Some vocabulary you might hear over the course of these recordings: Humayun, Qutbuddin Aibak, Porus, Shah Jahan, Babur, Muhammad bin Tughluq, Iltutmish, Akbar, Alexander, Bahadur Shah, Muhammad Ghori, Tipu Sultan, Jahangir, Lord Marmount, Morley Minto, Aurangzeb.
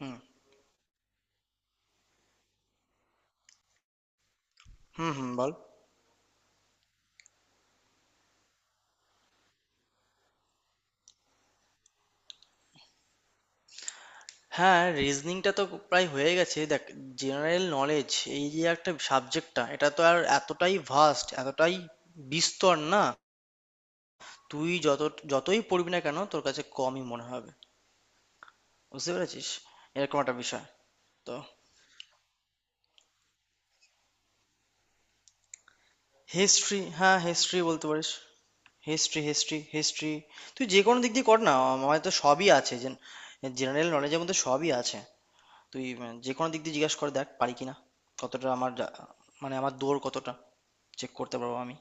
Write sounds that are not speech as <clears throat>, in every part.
হুম হুম হুম, বল। হ্যাঁ, রিজনিংটা তো প্রায় হয়ে গেছে দেখ। জেনারেল নলেজ, এই যে একটা সাবজেক্টটা, এটা তো আর এতটাই ভাস্ট, এতটাই বিস্তর না, তুই যতই পড়বি না কেন তোর কাছে কমই মনে হবে, বুঝতে পেরেছিস? এরকম একটা বিষয়, তো হিস্ট্রি, হ্যাঁ হিস্ট্রি বলতে পারিস। হিস্ট্রি হিস্ট্রি হিস্ট্রি তুই যে কোনো দিক দিয়ে কর না, আমার তো সবই আছে। জেনারেল নলেজের মধ্যে সবই আছে। তুই যে কোনো দিক দিয়ে জিজ্ঞাসা করে দেখ পারি কিনা, কতটা আমার মানে আমার দৌড় কতটা চেক করতে পারবো আমি।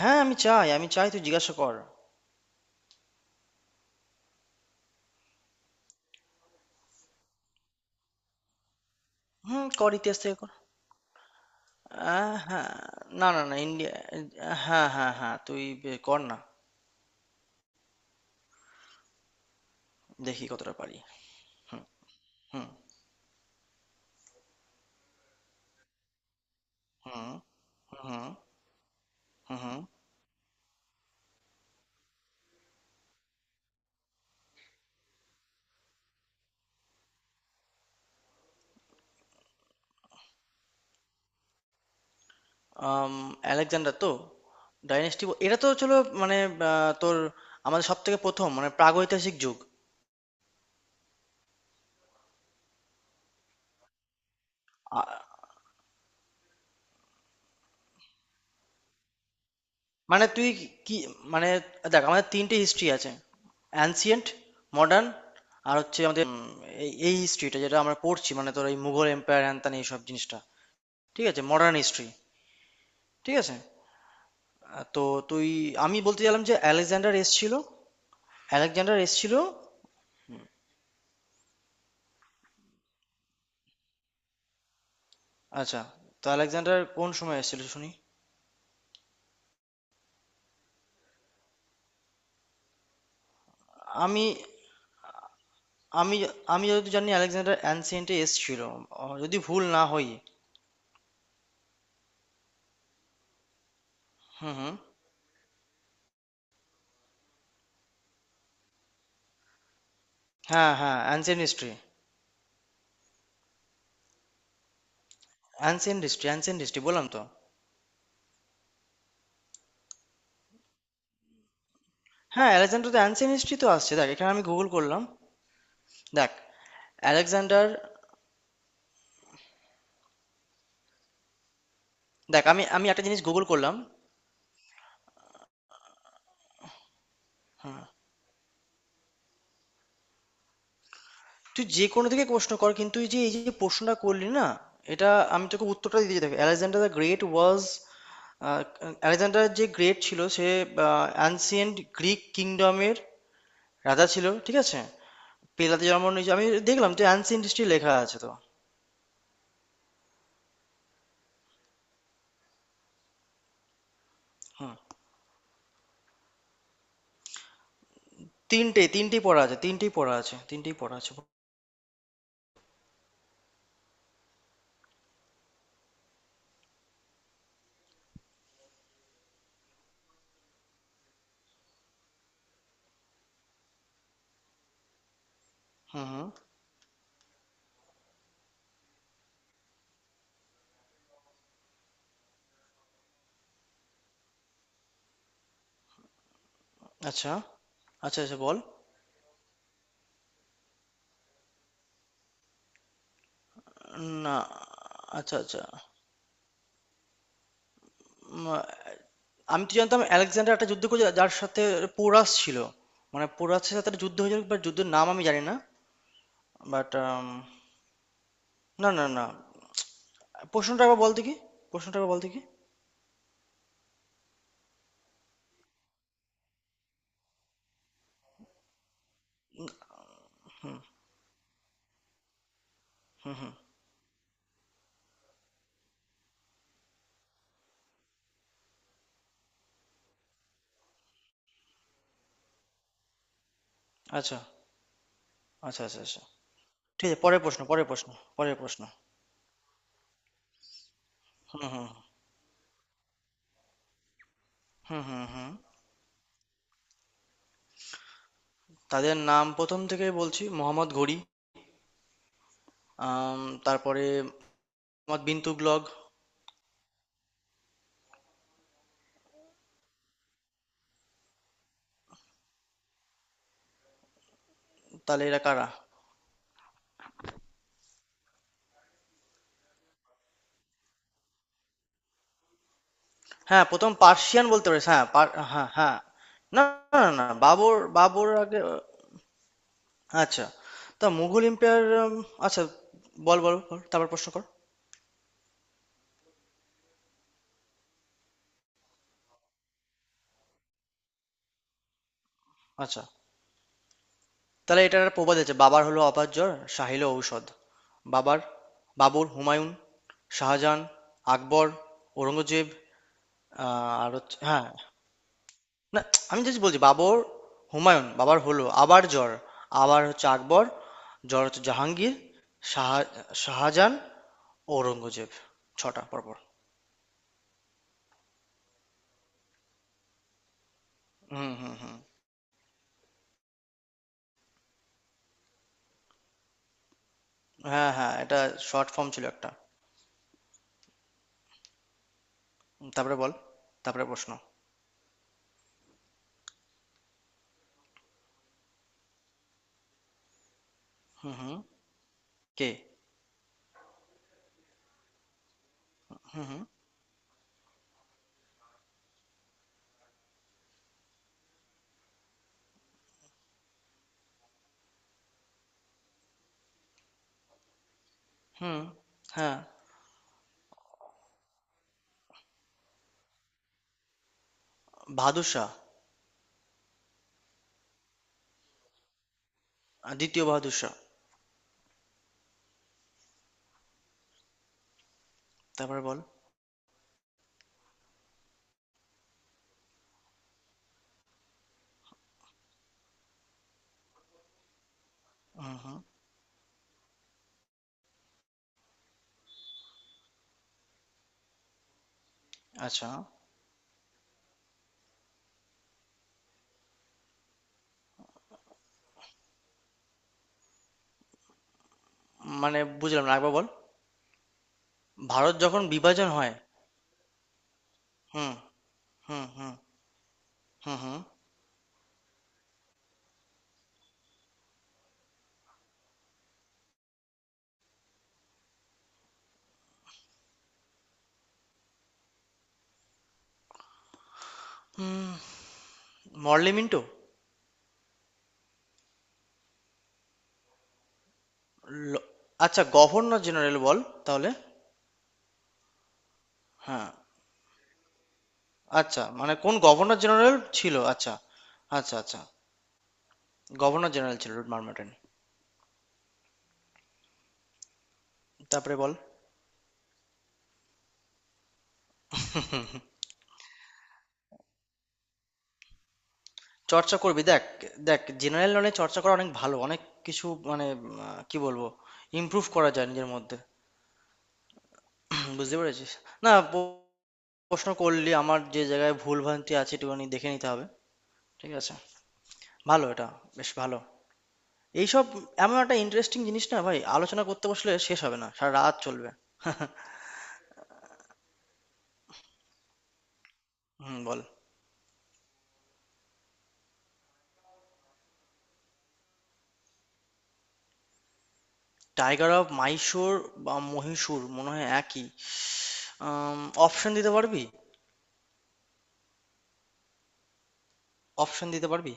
হ্যাঁ আমি চাই, তুই জিজ্ঞাসা কর। হুম, কর, ইতিহাস থেকে কর। হ্যাঁ, না না না ইন্ডিয়া, হ্যাঁ হ্যাঁ হ্যাঁ, তুই কর না। দেখি কতটা পারি। হুম হুম হুম হুম হুম। আম, আলেকজান্ডার তো ডাইনেস্টি, এটা তো চলো মানে তোর আমাদের সব থেকে প্রথম মানে প্রাগৈতিহাসিক যুগ। আ- মানে তুই কি মানে, দেখ আমাদের তিনটে হিস্ট্রি আছে — অ্যানসিয়েন্ট, মডার্ন, আর হচ্ছে আমাদের এই এই হিস্ট্রিটা যেটা আমরা পড়ছি মানে তোর এই মুঘল এম্পায়ার হ্যান ত্যান এইসব জিনিসটা, ঠিক আছে, মডার্ন হিস্ট্রি, ঠিক আছে। তো তুই, আমি বলতে চাইলাম যে আলেকজান্ডার এসছিল, আলেকজান্ডার এসছিল। আচ্ছা, তো আলেকজান্ডার কোন সময় এসেছিল শুনি? আমি আমি আমি যদি জানি আলেকজান্ডার অ্যানসিয়েন্টে এসছিল, যদি ভুল না হই। হুম হুম। হ্যাঁ হ্যাঁ ancient history, ancient history ancient history বললাম তো। হ্যাঁ, আলেকজান্ডার দ্য অ্যানসিয়েন্ট হিস্ট্রি তো আসছে, দেখ এখানে আমি গুগল করলাম। দেখ আলেকজান্ডার, দেখ আমি আমি একটা জিনিস গুগল করলাম। তুই যে কোনো থেকে প্রশ্ন কর, কিন্তু এই যে প্রশ্নটা করলি না, এটা আমি তোকে উত্তরটা দিতে, দেখ Alexander the great was, Alexander যে গ্রেট ছিল সে অ্যানসিয়েন্ট গ্রিক কিংডমের রাজা ছিল, ঠিক আছে। পেলাতে জন্ম নিয়েছে, আমি দেখলাম তো অ্যানসিয়েন্ট হিস্ট্রি লেখা আছে তো। হুম। তিনটে, তিনটেই পড়া আছে, তিনটেই পড়া আছে, তিনটেই পড়া আছে। হুম হুম। আচ্ছা আচ্ছা আচ্ছা বল না। আচ্ছা আচ্ছা। উম, আমি তো জানতাম আলেকজান্ডার একটা যুদ্ধ করেছে যার সাথে পোরাস ছিল, মানে পোরাসের সাথে একটা যুদ্ধ হয়েছিল, বাট যুদ্ধের নাম আমি জানি না। বাট, না না না, প্রশ্নটা আবার বলতে কি, প্রশ্নটা আবার বলতে কি? আচ্ছা আচ্ছা, আচ্ছা আচ্ছা ঠিক আছে, পরের প্রশ্ন, পরের প্রশ্ন, পরের প্রশ্ন। হুম হুম হুম হুম হুম। তাদের নাম প্রথম থেকে বলছি — মোহাম্মদ ঘুরি, আম, তারপরে মোহাম্মদ বিন তুগলক। তাহলে এরা কারা? হ্যাঁ, ১ম পার্সিয়ান বলতে পারিস। হ্যাঁ, পার, হ্যাঁ হ্যাঁ। না, না, না, না, বাবর, বাবর আগে। আচ্ছা। তো মুঘল এম্পায়ার, আচ্ছা, বল বল বল, তারপর প্রশ্ন কর। আচ্ছা। তাহলে এটার একটা প্রবাদ আছে — বাবার হলো অপার জ্বর, শাহ হলো ঔষধ। বাবার, বাবর, হুমায়ুন, শাহজাহান, আকবর, ঔরঙ্গজেব। আ আর হচ্ছে, হ্যাঁ। না, আমি জাস্ট বলছি বাবর, হুমায়ুন, বাবার হলো আবার জ্বর, আবার হচ্ছে আকবর, জ্বর হচ্ছে জাহাঙ্গীর, শাহ, শাহজাহান, ঔরঙ্গজেব। ৬টা পরপর। হুম হুম হুম। হ্যাঁ হ্যাঁ, এটা শর্ট ফর্ম ছিল একটা। হুম, তারপরে বল। তারপরে প্রশ্ন। হুম হুম। কে? হুম হুম। হুম। হ্যাঁ, বাহাদুর শাহ। ২য় বাহাদুর শাহ। তারপরে বল। হুম হুম। আচ্ছা। মানে বুঝলাম না, আরেকবার বল। ভারত যখন বিভাজন হয়। হুম হুম হুম হুম হুম। হুম, মরলি মিন্টো? ল, আচ্ছা, গভর্নর জেনারেল বল তাহলে। হ্যাঁ। আচ্ছা, মানে কোন গভর্নর জেনারেল ছিল? আচ্ছা, আচ্ছা আচ্ছা। গভর্নর জেনারেল ছিল লর্ড মারমোন্ট। তারপরে বল। চর্চা করবি দেখ, দেখ জেনারেল নলেজ চর্চা করা অনেক ভালো, অনেক কিছু মানে, কি বলবো, ইমপ্রুভ করা যায় নিজের মধ্যে। <clears throat> হুম, বুঝতে পেরেছিস? না প- প্রশ্ন করলি আমার যে জায়গায় ভুল ভ্রান্তি আছে একটুখানি দেখে নিতে হবে, ঠিক আছে। ভালো এটা, বেশ ভালো। এইসব এমন একটা ইন্টারেস্টিং জিনিস না ভাই, আলোচনা করতে বসলে শেষ হবে না, সারা রাত চলবে। <laughs> হুম বল। টাইগার অফ মাইশোর বা মহীশূর মনে হয় একই। অপশন দিতে পারবি? অপশন দিতে পারবি?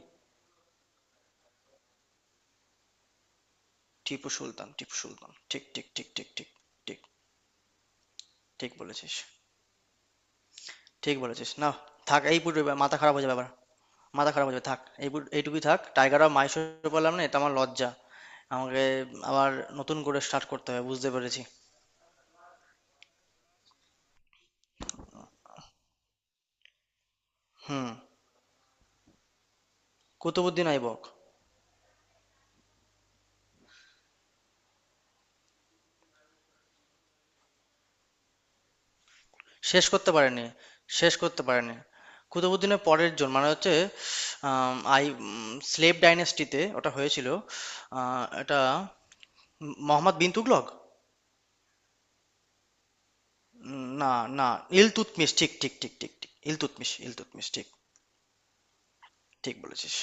টিপু সুলতান, টিপু সুলতান, ঠিক ঠিক ঠিক ঠিক ঠিক ঠিক। ঠিক বলেছিস। ঠিক বলেছিস না? থাক এই পুরো, এবার মাথা খারাপ হয়ে যাবে আবার, মাথা খারাপ হয়ে যাবে। থাক এই এইটুকুই থাক, টাইগার আর মাইশোর বললাম না, এটা আমার লজ্জা। আমাকে আবার নতুন করে স্টার্ট করতে হবে বুঝতে পেরেছি। হুম। কুতুবুদ্দিন আইবক। শেষ করতে পারেনি, শেষ করতে পারেনি। কুতুবুদ্দিনের পরের জন মানে হচ্ছে, আম, আই স্লেভ ডাইনেস্টিতে ওটা হয়েছিল, এটা মোহাম্মদ বিন তুগলক। না, না ইলতুৎমিশ, ঠিক ঠিক ঠিক ঠিক ঠিক, ইলতুৎমিশ ইলতুৎমিশ, ঠিক, ঠিক বলেছিস।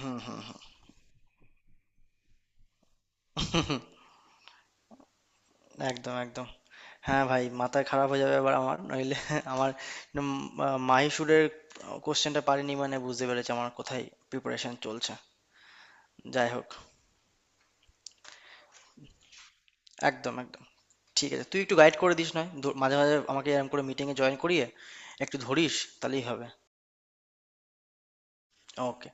হুম হুম হুম। হুম, একদম একদম। হ্যাঁ ভাই, মাথা খারাপ হয়ে যাবে এবার আমার, নইলে আমার উম, মাহিসুরের কোশ্চেনটা পারিনি, মানে বুঝতে পেরেছি আমার কোথায় প্রিপারেশন চলছে। যাই হোক, একদম একদম, ঠিক আছে। তুই একটু গাইড করে দিস, নয় মাঝে মাঝে আমাকে এরকম করে মিটিংয়ে জয়েন করিয়ে একটু ধরিস, তাহলেই হবে। ওকে।